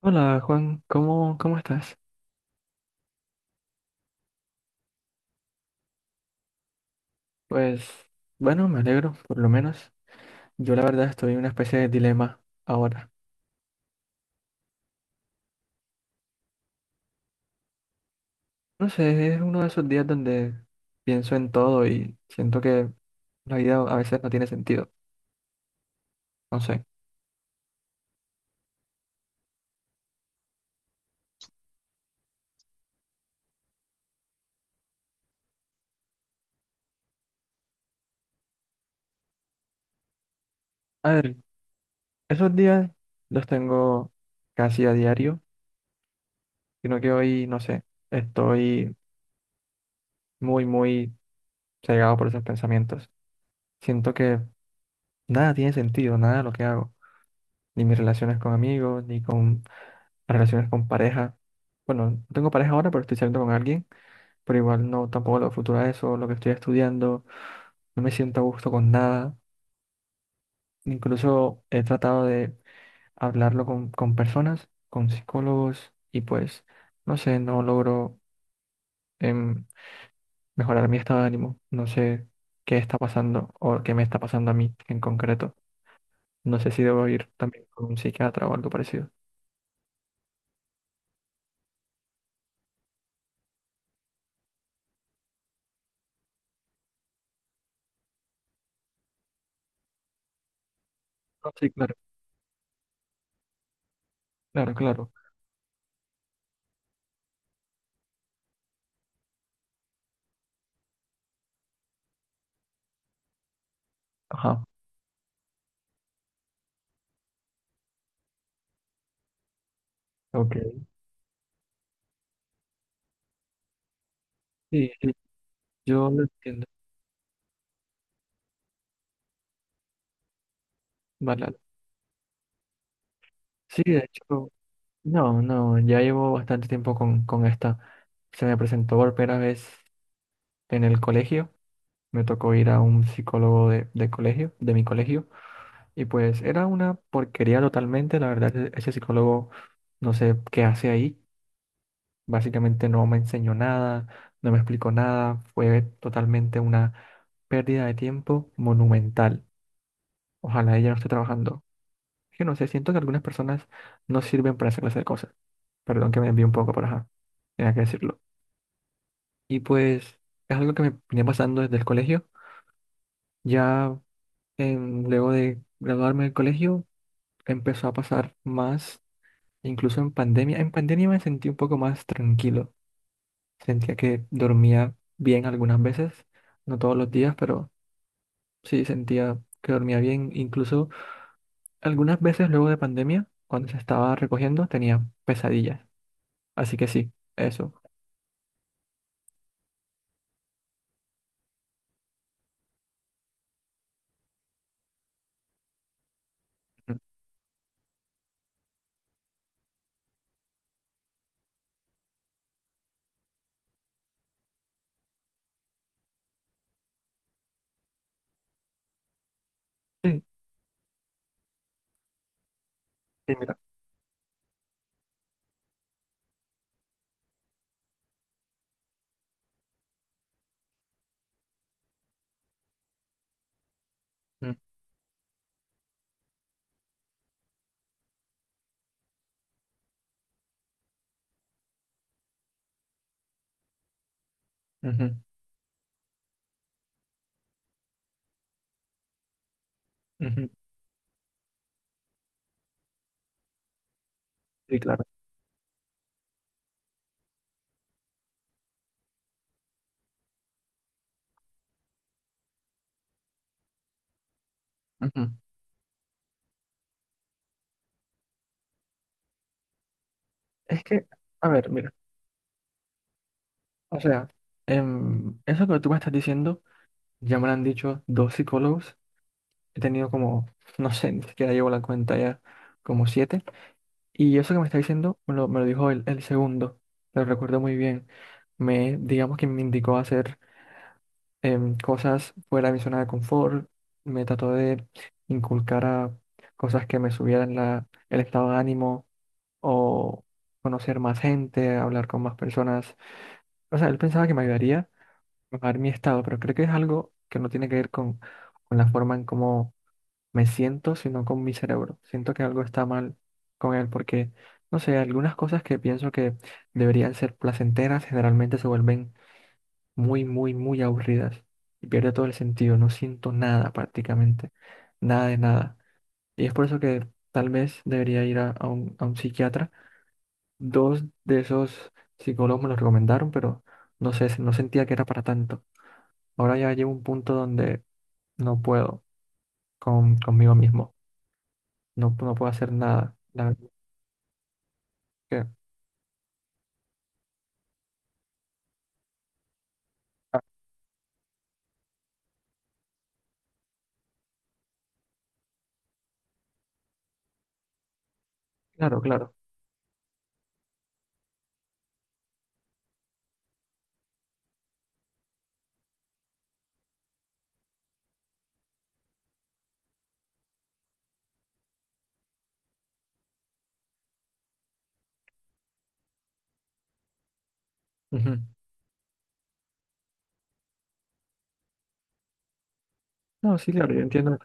Hola Juan, ¿cómo estás? Pues bueno, me alegro, por lo menos. Yo la verdad estoy en una especie de dilema ahora. No sé, es uno de esos días donde pienso en todo y siento que la vida a veces no tiene sentido. No sé. A ver, esos días los tengo casi a diario, sino que hoy, no sé, estoy muy, muy cegado por esos pensamientos. Siento que nada tiene sentido, nada de lo que hago, ni mis relaciones con amigos, ni con relaciones con pareja. Bueno, no tengo pareja ahora, pero estoy saliendo con alguien, pero igual no, tampoco lo futuro a eso, lo que estoy estudiando, no me siento a gusto con nada. Incluso he tratado de hablarlo con personas, con psicólogos, y pues, no sé, no logro em, mejorar mi estado de ánimo. No sé qué está pasando o qué me está pasando a mí en concreto. No sé si debo ir también con un psiquiatra o algo parecido. No, sí, claro, claro, claro. Ajá, ok. Sí, sí, yo lo entiendo. Vale, vale. Sí, de hecho, no, no, ya llevo bastante tiempo con esta. Se me presentó por primera vez en el colegio. Me tocó ir a un psicólogo de colegio, de mi colegio, y pues era una porquería totalmente. La verdad, ese psicólogo no sé qué hace ahí. Básicamente no me enseñó nada, no me explicó nada. Fue totalmente una pérdida de tiempo monumental. Ojalá ella no esté trabajando. Es que no sé, siento que algunas personas no sirven para esa clase de cosas. Perdón que me envié un poco, pero ajá, tenía que decirlo. Y pues es algo que me venía pasando desde el colegio. Ya luego de graduarme del colegio empezó a pasar más, incluso en pandemia. En pandemia me sentí un poco más tranquilo. Sentía que dormía bien algunas veces, no todos los días, pero sí sentía que dormía bien. Incluso algunas veces luego de pandemia, cuando se estaba recogiendo, tenía pesadillas. Así que sí, eso. Sí, sí, mira. Mm, ujú, ujú. Sí, claro. Ujú. Es que, a ver, mira, o sea, eso que tú me estás diciendo, ya me lo han dicho dos psicólogos, he tenido como, no sé, ni siquiera llevo la cuenta ya, como siete, y eso que me está diciendo me lo dijo el segundo, lo recuerdo muy bien, me, digamos que me indicó hacer cosas fuera de mi zona de confort, me trató de inculcar a cosas que me subieran la, el estado de ánimo o conocer más gente, hablar con más personas. O sea, él pensaba que me ayudaría a mejorar mi estado, pero creo que es algo que no tiene que ver con la forma en cómo me siento, sino con mi cerebro. Siento que algo está mal con él porque, no sé, algunas cosas que pienso que deberían ser placenteras generalmente se vuelven muy, muy, muy aburridas y pierde todo el sentido. No siento nada prácticamente, nada de nada. Y es por eso que tal vez debería ir a un psiquiatra. Dos de esos psicólogos me lo recomendaron, pero no sé, no sentía que era para tanto. Ahora ya llevo un punto donde no puedo conmigo mismo. No, no puedo hacer nada. La verdad que- ah, claro, claro. Ujú. No, sí, claro, yo entiendo.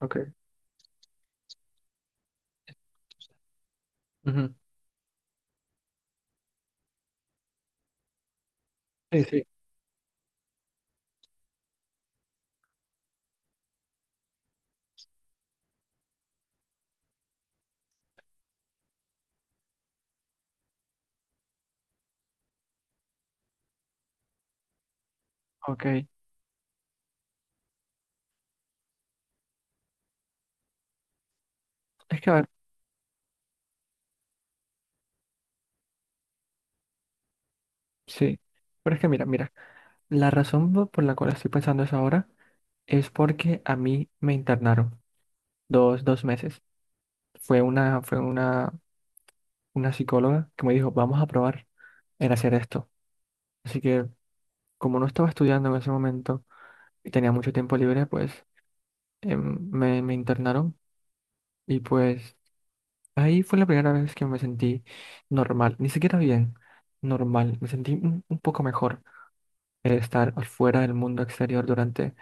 Ok. Ujú. Sí, sí. Ok. Es que a ver, sí. Pero es que mira, mira. La razón por la cual estoy pensando eso ahora es porque a mí me internaron dos meses. Fue una psicóloga que me dijo, vamos a probar en hacer esto. Así que como no estaba estudiando en ese momento y tenía mucho tiempo libre, pues me internaron y pues ahí fue la primera vez que me sentí normal, ni siquiera bien, normal, me sentí un poco mejor. El estar fuera del mundo exterior durante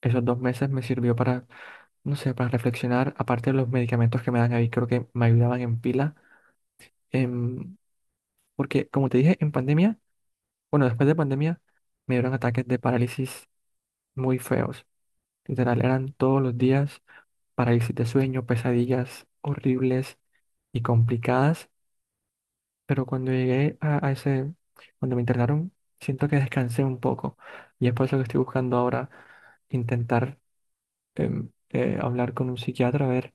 esos 2 meses me sirvió para, no sé, para reflexionar, aparte de los medicamentos que me dan ahí, creo que me ayudaban en pila, em, porque como te dije, en pandemia, bueno, después de pandemia, me dieron ataques de parálisis muy feos, literal, eran todos los días parálisis de sueño, pesadillas horribles y complicadas. Pero cuando llegué a cuando me internaron, siento que descansé un poco. Y es por eso que estoy buscando ahora intentar hablar con un psiquiatra, a ver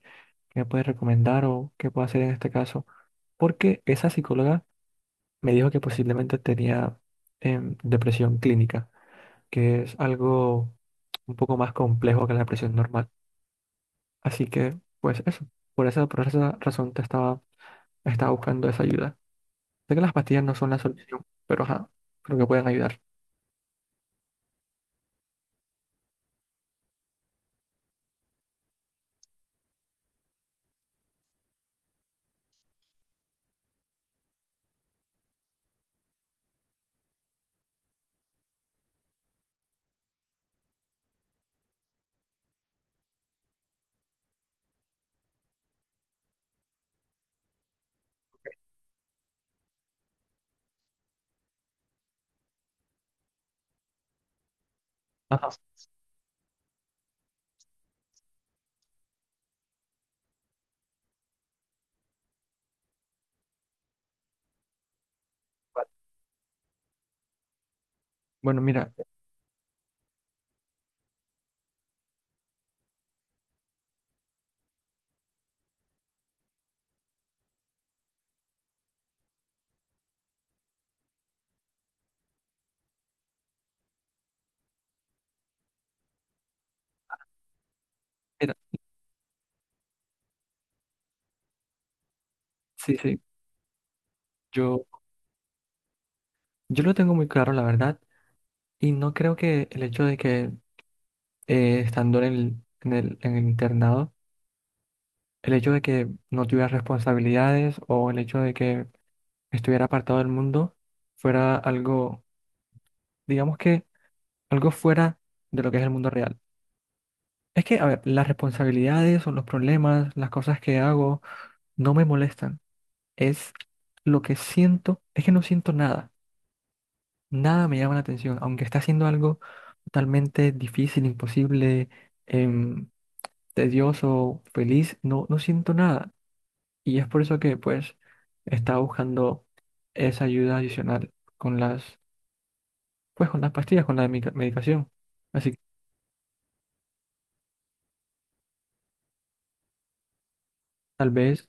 qué me puede recomendar o qué puedo hacer en este caso. Porque esa psicóloga me dijo que posiblemente tenía depresión clínica, que es algo un poco más complejo que la depresión normal. Así que, pues eso, por esa razón te estaba, estaba buscando esa ayuda. Sé que las pastillas no son la solución, pero ajá, creo que pueden ayudar. Ajá. Vale. Bueno, mira, mira, sí, sí, yo, yo lo tengo muy claro, la verdad, y no creo que el hecho de que estando en el internado, el hecho de que no tuviera responsabilidades o el hecho de que estuviera apartado del mundo fuera algo, digamos que algo fuera de lo que es el mundo real. Es que, a ver, las responsabilidades o los problemas, las cosas que hago, no me molestan. Es lo que siento, es que no siento nada, nada me llama la atención, aunque está haciendo algo totalmente difícil, imposible, em, tedioso, feliz, no, no siento nada. Y es por eso que pues estaba buscando esa ayuda adicional con las, pues con las pastillas, con la medicación. Así que tal vez,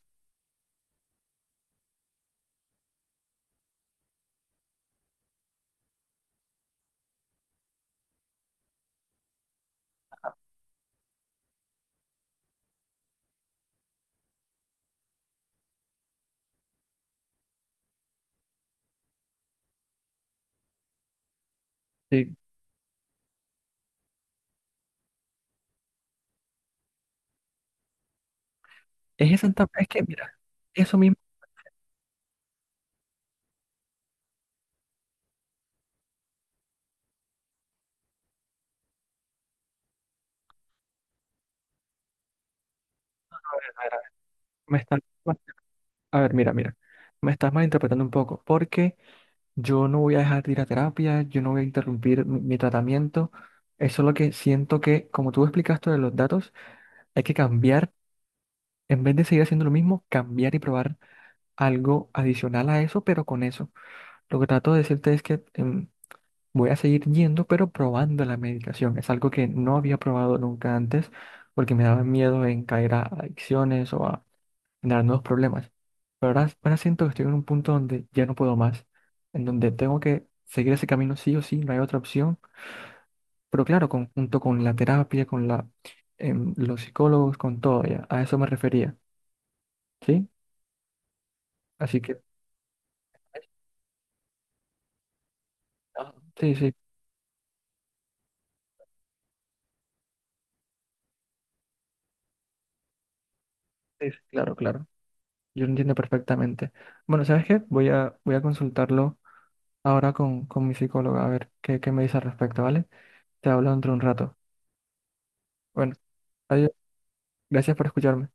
sí, es esa, es que mira, eso mismo, a ver, me está, a ver, mira, mira, me estás malinterpretando un poco, porque... Yo no voy a dejar de ir a terapia, yo no voy a interrumpir mi tratamiento. Eso es lo que siento que, como tú explicaste de los datos, hay que cambiar, en vez de seguir haciendo lo mismo, cambiar y probar algo adicional a eso, pero con eso. Lo que trato de decirte es que voy a seguir yendo, pero probando la medicación. Es algo que no había probado nunca antes, porque me daba miedo en caer a adicciones generar nuevos problemas. Pero ahora siento que estoy en un punto donde ya no puedo más, en donde tengo que seguir ese camino sí o sí, no hay otra opción. Pero claro, junto con la terapia, con la, los psicólogos, con todo, ya, a eso me refería, ¿sí? Así que, ah, sí, sí, sí, sí, claro, claro, yo lo entiendo perfectamente. Bueno, ¿sabes qué? Voy a consultarlo ahora con mi psicóloga, a ver qué, qué me dice al respecto, ¿vale? Te hablo dentro de un rato. Bueno, adiós, gracias por escucharme.